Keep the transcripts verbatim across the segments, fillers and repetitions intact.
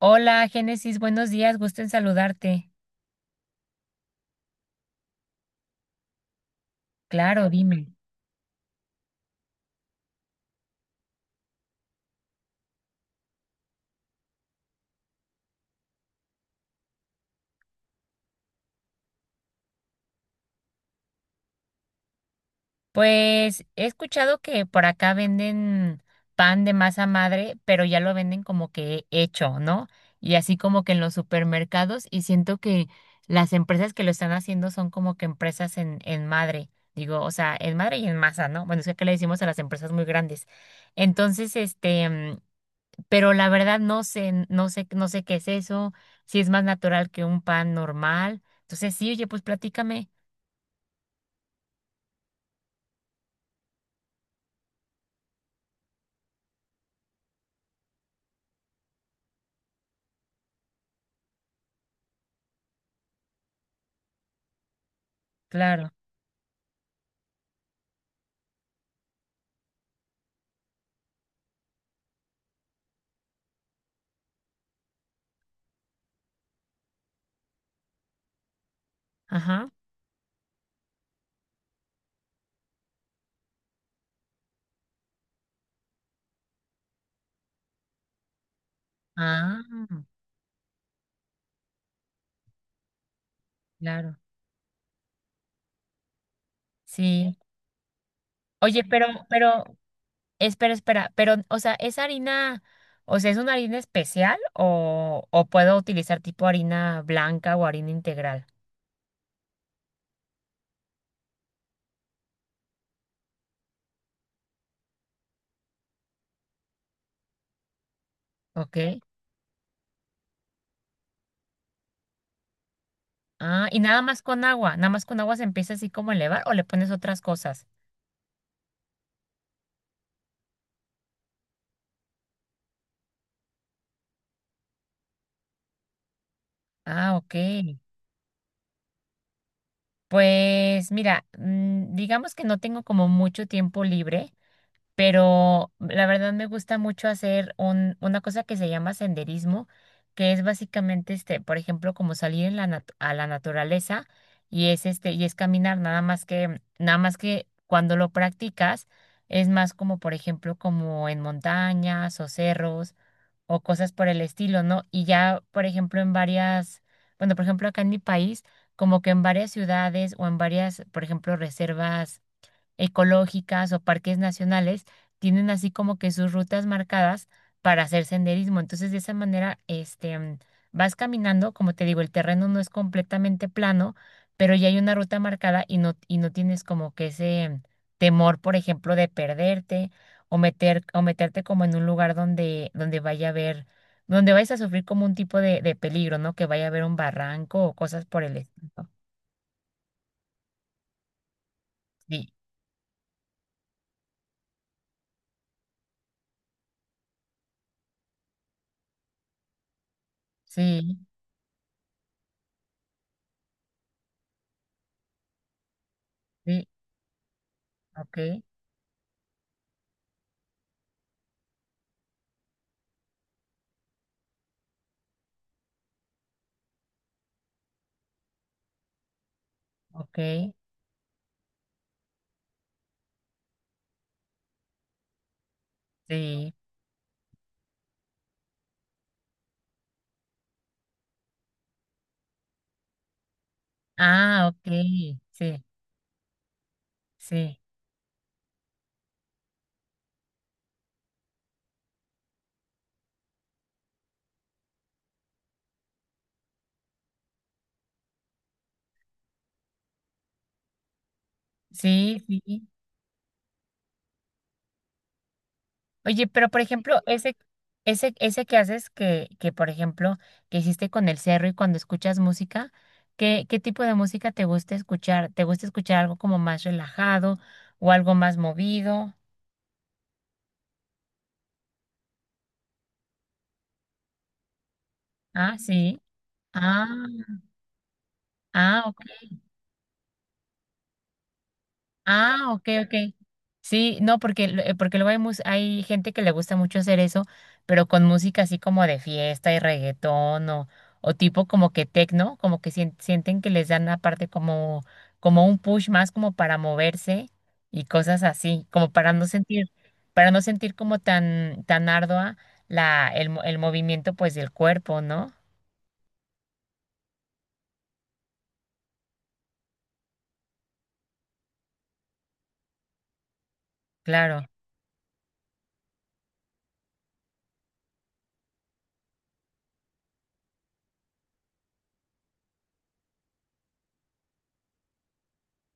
Hola, Génesis, buenos días, gusto en saludarte. Claro, dime. Pues he escuchado que por acá venden pan de masa madre, pero ya lo venden como que hecho, ¿no? Y así como que en los supermercados y siento que las empresas que lo están haciendo son como que empresas en, en madre, digo, o sea, en madre y en masa, ¿no? Bueno, es que acá le decimos a las empresas muy grandes. Entonces, este, mm, pero la verdad no sé, no sé, no sé qué es eso, si es más natural que un pan normal. Entonces, sí, oye, pues platícame. Claro. Ajá. Ah, claro. Sí. Oye, pero, pero, espera, espera, pero, o sea, ¿es harina, o sea, es una harina especial o, o puedo utilizar tipo harina blanca o harina integral? Ok. Ah, y nada más con agua, nada más con agua se empieza así como a elevar o le pones otras cosas. Ah, ok. Pues mira, mm, digamos que no tengo como mucho tiempo libre, pero la verdad me gusta mucho hacer un, una cosa que se llama senderismo, que es básicamente este, por ejemplo, como salir en la nat- a la naturaleza y es este y es caminar nada más que nada más que cuando lo practicas es más como por ejemplo como en montañas o cerros o cosas por el estilo, ¿no? Y ya, por ejemplo, en varias, bueno, por ejemplo, acá en mi país, como que en varias ciudades o en varias, por ejemplo, reservas ecológicas o parques nacionales tienen así como que sus rutas marcadas para hacer senderismo. Entonces, de esa manera, este, mm, vas caminando, como te digo, el terreno no es completamente plano, pero ya hay una ruta marcada y no, y no tienes como que ese mm, temor, por ejemplo, de perderte o meter, o meterte como en un lugar donde, donde vaya a haber, donde vayas a sufrir como un tipo de, de peligro, ¿no? Que vaya a haber un barranco o cosas por el estilo. Sí, sí, sí, ok, ok. Sí. Ah, ok. Sí, sí, sí, sí. Oye, pero por ejemplo, ese, ese, ese que haces que, que por ejemplo, que hiciste con el cerro y cuando escuchas música, ¿qué, qué tipo de música te gusta escuchar? ¿Te gusta escuchar algo como más relajado o algo más movido? Ah, sí. Ah, ah, ok. Ah, ok, ok. Sí, no, porque, lo- eh, porque luego hay, mus- hay gente que le gusta mucho hacer eso, pero con música así como de fiesta y reggaetón o, o tipo como que tecno, como que sien- sienten que les dan aparte como, como un push más como para moverse y cosas así, como para no sentir, para no sentir como tan, tan ardua la, el, mo- el movimiento pues del cuerpo, ¿no? Claro.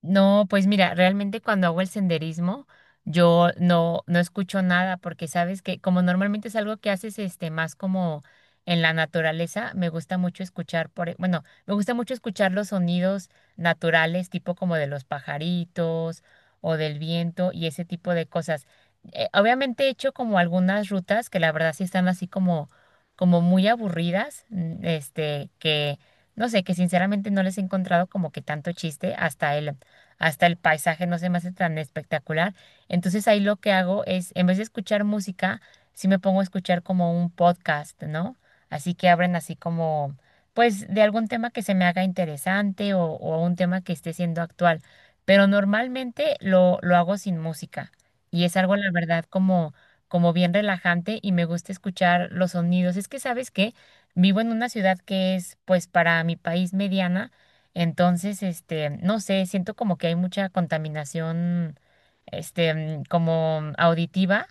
No, pues mira, realmente cuando hago el senderismo, yo no, no escucho nada, porque sabes que como normalmente es algo que haces este más como en la naturaleza, me gusta mucho escuchar por, e- bueno, me gusta mucho escuchar los sonidos naturales, tipo como de los pajaritos o del viento y ese tipo de cosas. Eh, obviamente he hecho como algunas rutas que la verdad sí están así como, como muy aburridas, mm, este, que no sé, que sinceramente no les he encontrado como que tanto chiste hasta el hasta el paisaje no se me hace tan espectacular. Entonces ahí lo que hago es, en vez de escuchar música, sí me pongo a escuchar como un podcast, ¿no? Así que abren así como, pues, de algún tema que se me haga interesante o, o un tema que esté siendo actual. Pero normalmente lo, lo hago sin música y es algo, la verdad, como, como bien relajante y me gusta escuchar los sonidos. Es que, ¿sabes qué? Vivo en una ciudad que es, pues, para mi país mediana. Entonces, este, no sé, siento como que hay mucha contaminación, este, mm, como auditiva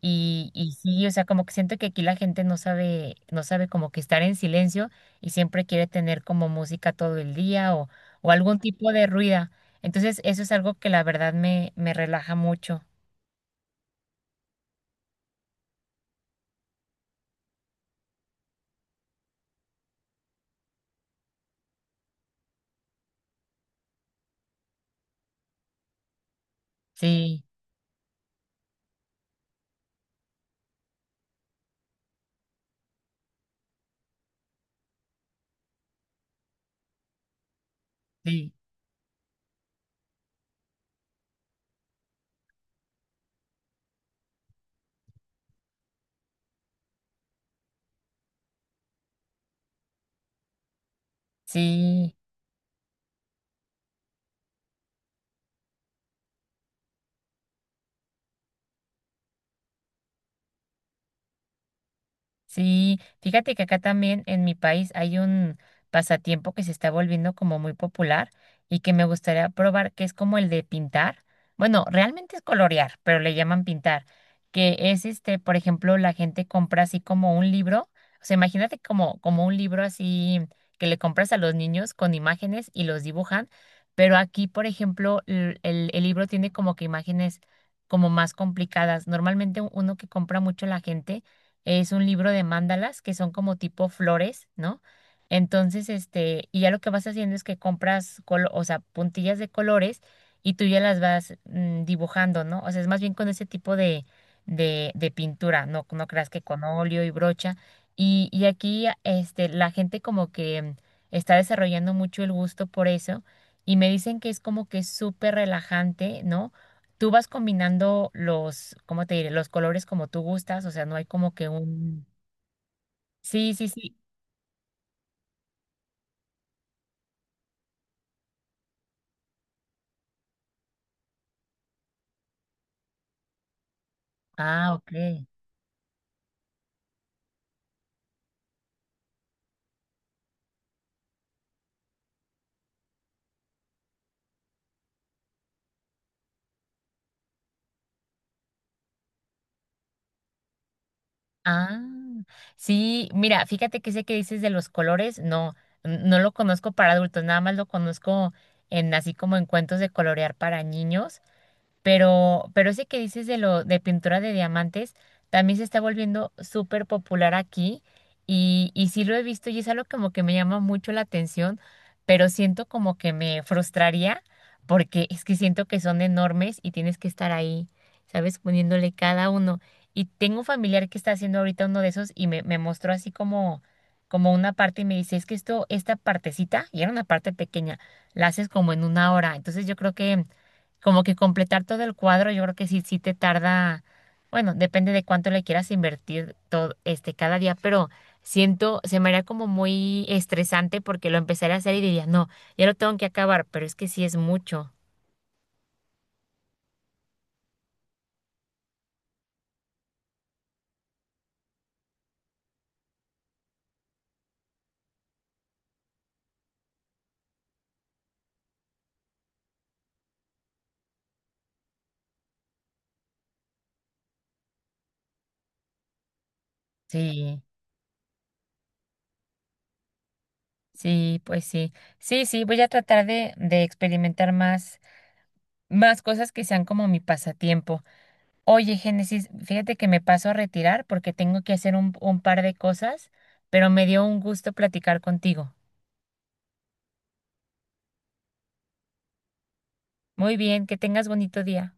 y, y sí, o sea, como que siento que aquí la gente no sabe, no sabe como que estar en silencio y siempre quiere tener como música todo el día o, o algún tipo de ruida. Entonces, eso es algo que la verdad me, me relaja mucho. Sí, sí, sí. Sí, fíjate que acá también en mi país hay un pasatiempo que se está volviendo como muy popular y que me gustaría probar, que es como el de pintar. Bueno, realmente es colorear, pero le llaman pintar, que es este, por ejemplo, la gente compra así como un libro, o sea, imagínate como, como un libro así que le compras a los niños con imágenes y los dibujan, pero aquí, por ejemplo, el, el el libro tiene como que imágenes como más complicadas. Normalmente uno que compra mucho la gente es un libro de mandalas que son como tipo flores, ¿no? Entonces, este, y ya lo que vas haciendo es que compras, colo- o sea, puntillas de colores y tú ya las vas mm, dibujando, ¿no? O sea, es más bien con ese tipo de, de, de pintura, no, no creas que con óleo y brocha. Y, y aquí, a- este, la gente como que mm, está desarrollando mucho el gusto por eso y me dicen que es como que súper relajante, ¿no? Tú vas combinando los, ¿cómo te diré? Los colores como tú gustas, o sea, no hay como que un... Sí, sí, sí. Ah, ok. Ah, sí, mira, fíjate que ese que dices de los colores, no, n- no lo conozco para adultos, nada más lo conozco en así como en cuentos de colorear para niños. Pero, pero ese que dices de lo de pintura de diamantes también se está volviendo súper popular aquí y, y sí lo he visto y es algo como que me llama mucho la atención, pero siento como que me frustraría porque es que siento que son enormes y tienes que estar ahí, ¿sabes? Poniéndole cada uno. Y tengo un familiar que está haciendo ahorita uno de esos y me, me mostró así como, como una parte y me dice, es que esto, esta partecita, y era una parte pequeña, la haces como en una hora. Entonces yo creo que como que completar todo el cuadro, yo creo que sí, sí te tarda, bueno, depende de cuánto le quieras invertir todo, este, cada día, pero siento, se me haría como muy estresante porque lo empezaré a hacer y diría, no, ya lo tengo que acabar, pero es que sí es mucho. Sí, sí, pues sí. Sí, sí, voy a tratar de, de experimentar más, más cosas que sean como mi pasatiempo. Oye, Génesis, fíjate que me paso a retirar porque tengo que hacer un, un par de cosas, pero me dio un gusto platicar contigo. Muy bien, que tengas bonito día.